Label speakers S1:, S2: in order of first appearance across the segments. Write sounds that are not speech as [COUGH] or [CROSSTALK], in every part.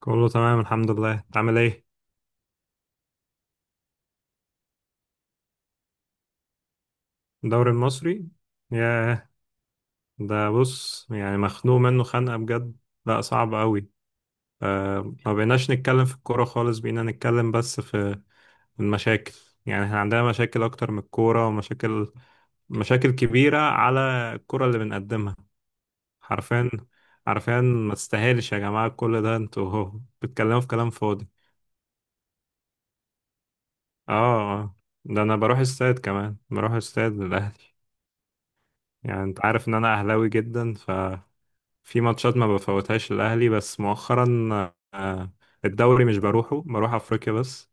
S1: كله تمام الحمد لله. انت عامل ايه؟ الدوري المصري. ياه. ده بص، يعني مخنوق منه خنقة بجد. لا صعب قوي. آه ما بقيناش نتكلم في الكورة خالص، بقينا نتكلم بس في المشاكل. يعني احنا عندنا مشاكل اكتر من الكورة، ومشاكل مشاكل كبيرة على الكورة اللي بنقدمها. حرفيا. حرفيا ما تستاهلش يا جماعة كل ده، انتوا هو بتتكلموا في كلام فاضي. اه. آه. ده انا بروح استاد كمان، بروح استاد للاهلي. يعني انت عارف ان انا اهلاوي جدا. في ماتشات ما بفوتهاش الأهلي بس مؤخرا آه، الدوري مش بروحه، بروح أفريقيا بس.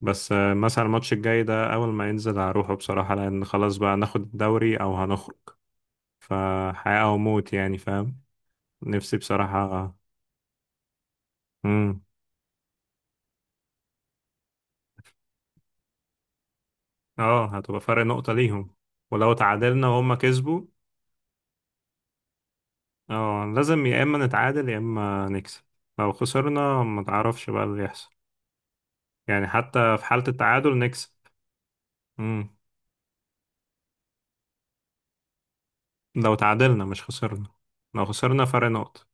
S1: بس مثلا الماتش الجاي ده أول ما ينزل هروحه بصراحة، لأن خلاص بقى ناخد الدوري أو هنخرج. فحياة أو موت يعني، فاهم نفسي بصراحة. مم. اه هتبقى فرق نقطة ليهم. ولو تعادلنا وهم كسبوا. اه لازم يا إما نتعادل يا إما نكسب. لو خسرنا ما تعرفش بقى اللي يحصل. يعني حتى في حالة التعادل نكسب. لو تعادلنا مش خسرنا. لو خسرنا فرق نقط.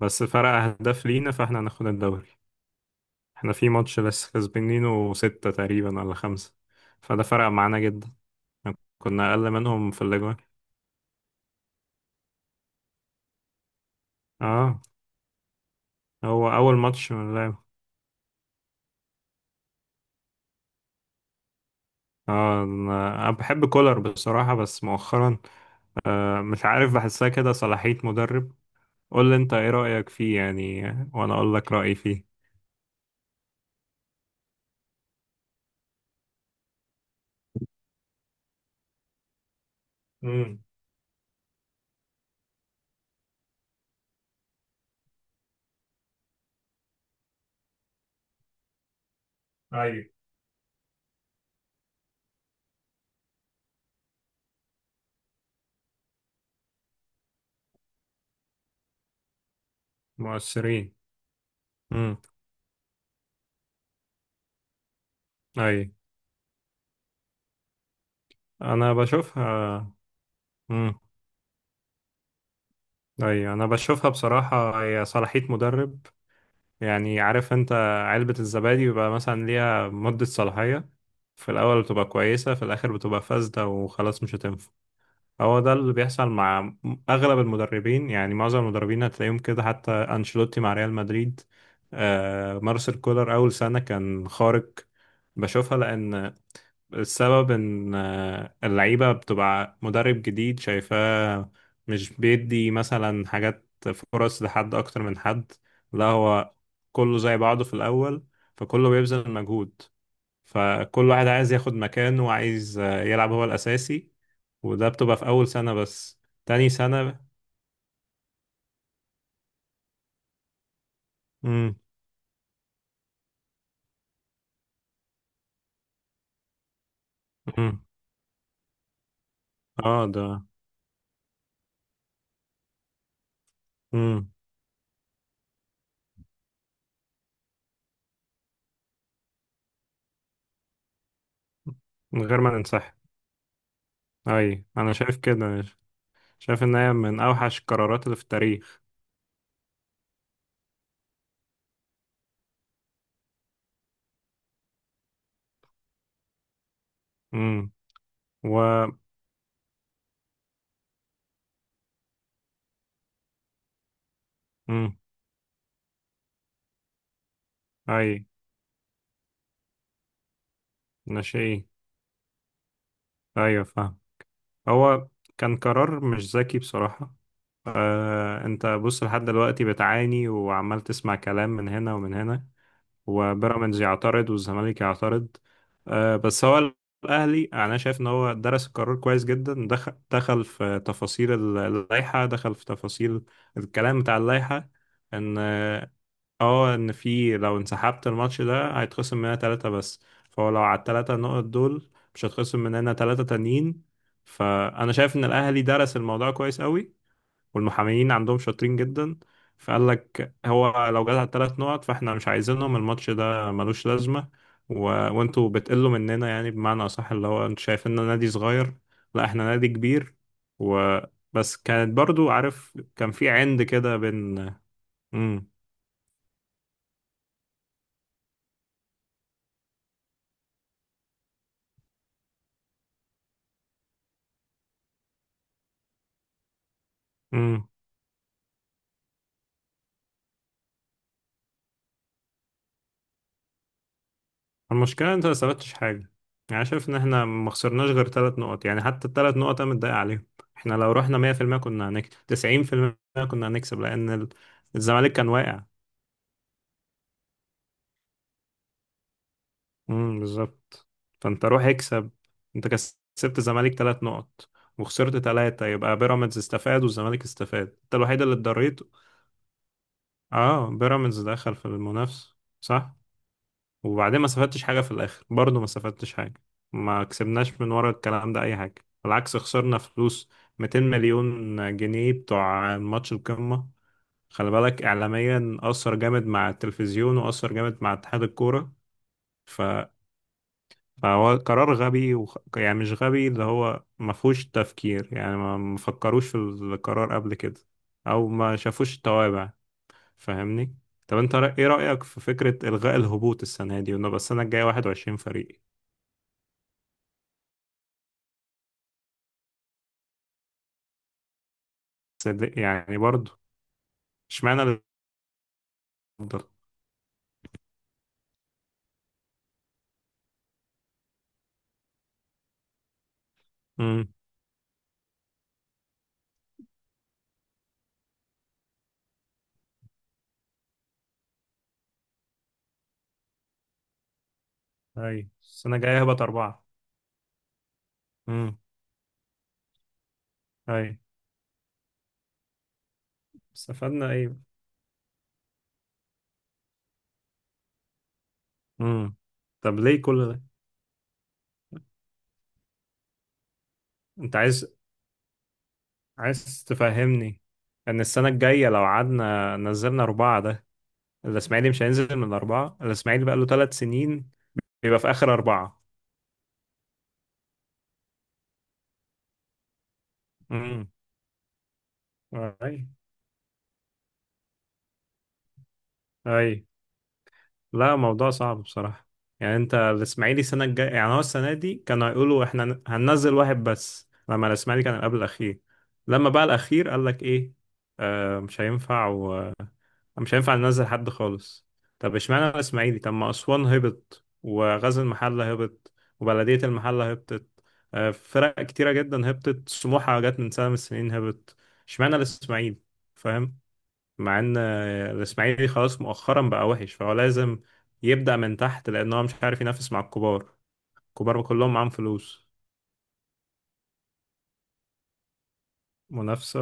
S1: بس فرق أهداف لينا فاحنا هناخد الدوري. احنا في ماتش لسه كسبانينه ستة تقريبا ولا خمسة، فده فرق معانا جدا. كنا أقل منهم في الأجوان. اه. هو أول ماتش من اللعب. اه أنا بحب كولر بصراحة بس مؤخرا، آه مش عارف بحسها كده صلاحية مدرب. قول لي أنت إيه رأيك فيه يعني، وأنا أقول لك رأيي فيه. امم. ايوه. مؤثرين. امم. اي. انا بشوفها. امم. ايوه انا بشوفها بصراحه، هي صلاحيه مدرب. يعني عارف انت، علبه الزبادي بيبقى مثلا ليها مده صلاحيه. في الاول بتبقى كويسه، في الاخر بتبقى فاسده وخلاص مش هتنفع. هو ده اللي بيحصل مع اغلب المدربين، يعني معظم المدربين هتلاقيهم كده حتى انشيلوتي مع ريال مدريد. آه مارسيل كولر اول سنه كان خارق. بشوفها لان السبب ان اللعيبة بتبقى مدرب جديد شايفاه، مش بيدي مثلا حاجات فرص لحد اكتر من حد. لا هو كله زي بعضه في الاول، فكله بيبذل مجهود، فكل واحد عايز ياخد مكانه وعايز يلعب هو الاساسي. وده بتبقى في اول سنة بس. تاني سنة. امم. امم. اه ده. امم. من غير ما ننسحب. اي انا شايف كده. شايف ان هي من اوحش القرارات اللي في التاريخ. امم. و مم. اي. ناشئين. ايوه فاهم. هو كان قرار مش ذكي بصراحة. آه انت بص لحد دلوقتي بتعاني وعمال تسمع كلام من هنا ومن هنا. وبيراميدز يعترض والزمالك يعترض. آه بس هو الاهلي انا شايف ان هو درس القرار كويس جدا، دخل في تفاصيل اللائحة، دخل في تفاصيل الكلام بتاع اللائحة. ان اه ان في لو انسحبت الماتش ده هيتخصم مننا ثلاثة بس. فهو لو على الثلاثة نقط دول، مش هيتخصم مننا ثلاثة تانيين. فانا شايف ان الاهلي درس الموضوع كويس قوي، والمحاميين عندهم شاطرين جدا. فقال لك هو لو جات على الثلاث نقط فاحنا مش عايزينهم، الماتش ده ملوش لازمة. و... وانتوا بتقلوا مننا، يعني بمعنى اصح اللي هو انتوا شايفيننا نادي صغير، لا احنا نادي كبير. وبس كانت برضو عارف كان في عند كده بين. امم. المشكلة انت ما ثبتش حاجة. يعني شايف ان احنا ما خسرناش غير ثلاث نقط، يعني حتى الثلاث نقط انا متضايق عليهم. احنا لو رحنا 100% كنا هنكسب 90%. كنا هنكسب لان الزمالك كان واقع. بالظبط. فانت روح اكسب. انت كسبت الزمالك ثلاث نقط وخسرت ثلاثة، يبقى بيراميدز استفاد والزمالك استفاد، انت الوحيد اللي اتضريت. اه بيراميدز دخل في المنافسة صح. وبعدين ما استفدتش حاجة في الآخر برضه، ما استفدتش حاجة. ما كسبناش من ورا الكلام ده أي حاجة، بالعكس خسرنا فلوس. 200 مليون جنيه بتوع ماتش القمة. خلي بالك إعلاميا أثر جامد مع التلفزيون وأثر جامد مع اتحاد الكورة. ف... فهو قرار غبي يعني مش غبي، اللي هو ما فيهوش تفكير، يعني ما فكروش في القرار قبل كده أو ما شافوش التوابع. فاهمني؟ طب انت ايه رأيك في فكرة إلغاء الهبوط السنة دي ونبقى السنة الجاية 21 فريق؟ صدق يعني برضه. اشمعنى اللي افضل. امم. اي السنه الجايه هبقى اربعه. امم. اي. استفدنا ايه؟ امم. طب ليه كل ده؟ انت عايز، عايز تفهمني ان السنه الجايه لو قعدنا نزلنا اربعه، ده الاسماعيلي مش هينزل من الاربعه، الاسماعيلي بقى له ثلاث سنين بيبقى في اخر اربعه. امم. اي. اي. لا موضوع صعب بصراحة. يعني انت الاسماعيلي السنة الجاية، يعني هو السنة دي كانوا هيقولوا احنا هننزل واحد بس، لما الاسماعيلي كان قبل الأخير، لما بقى الأخير قال لك ايه؟ آه مش هينفع ومش هينفع ننزل حد خالص. طب اشمعنى الاسماعيلي؟ طب ما أسوان هبط وغزل المحلة هبط وبلدية المحلة هبطت، آه فرق كتيرة جدا هبطت، سموحة جت من سنة من السنين هبط. اشمعنى الاسماعيلي؟ فاهم. مع ان الاسماعيلي خلاص مؤخرا بقى وحش فهو لازم يبدأ من تحت، لان هو مش عارف ينافس مع الكبار. الكبار كلهم معاهم فلوس. منافسة.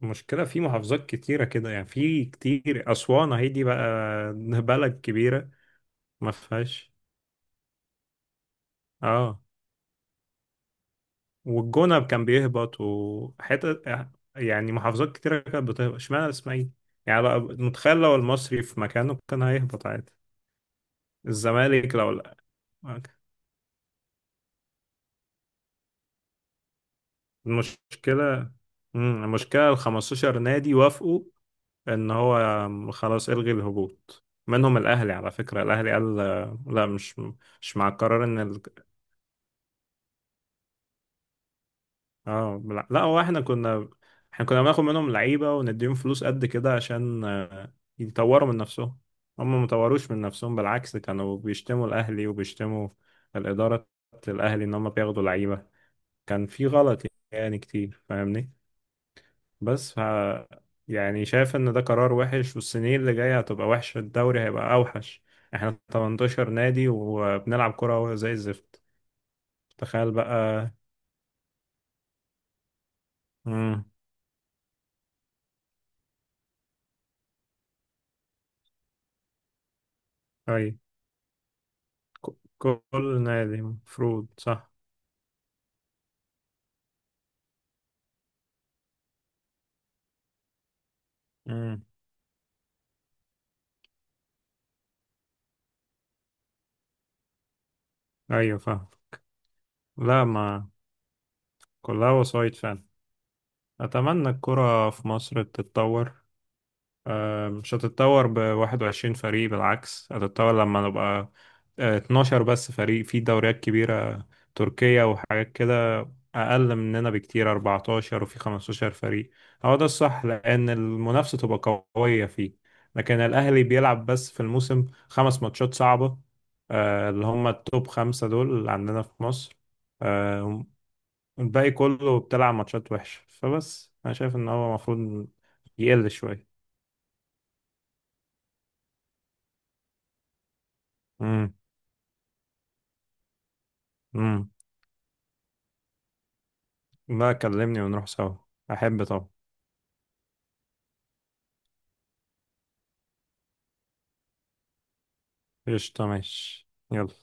S1: والمشكلة في محافظات كتيرة كده، يعني في كتير، أسوان اهي دي بقى [LAUGHS] بلد كبيرة. ما فيهاش. اه. والجونة كان بيهبط وحتة، يعني محافظات كتيرة كانت بتهبط، اشمعنى الاسماعيلي. يعني بقى متخيل لو المصري في مكانه كان هيهبط عادي. الزمالك لو، لا المشكلة، مم، المشكلة ال 15 نادي وافقوا ان هو خلاص الغي الهبوط منهم، الاهلي على فكرة الاهلي قال لا مش مع القرار ان اه لا لا، هو احنا كنا، بناخد منهم لعيبة ونديهم فلوس قد كده عشان يطوروا من نفسهم. هم ما طوروش من نفسهم، بالعكس كانوا بيشتموا الاهلي وبيشتموا الإدارة، الاهلي ان هم بياخدوا لعيبة. كان في غلط يعني كتير، فاهمني. بس يعني شايف ان ده قرار وحش والسنين اللي جاية هتبقى وحشة، الدوري هيبقى اوحش. احنا 18 نادي وبنلعب كرة زي الزفت. تخيل بقى. امم. اي. كل نادي مفروض صح. امم. ايوه فاهم. لا ما كلها وسايط فعلا. اتمنى الكرة في مصر تتطور. مش هتتطور ب 21 فريق، بالعكس هتتطور لما نبقى 12 بس فريق. في دوريات كبيرة، تركيا وحاجات كده، أقل مننا بكتير 14 وفي 15 فريق. هو ده الصح لأن المنافسة تبقى قوية فيه. لكن الأهلي بيلعب بس في الموسم خمس ماتشات صعبة، اللي هم التوب خمسة دول اللي عندنا في مصر. آه، الباقي كله بتلعب ماتشات وحشة، فبس أنا شايف إن هو المفروض يقل شوية. امم. لا كلمني ونروح سوا، احب طبعا. قشطة ماشي يلا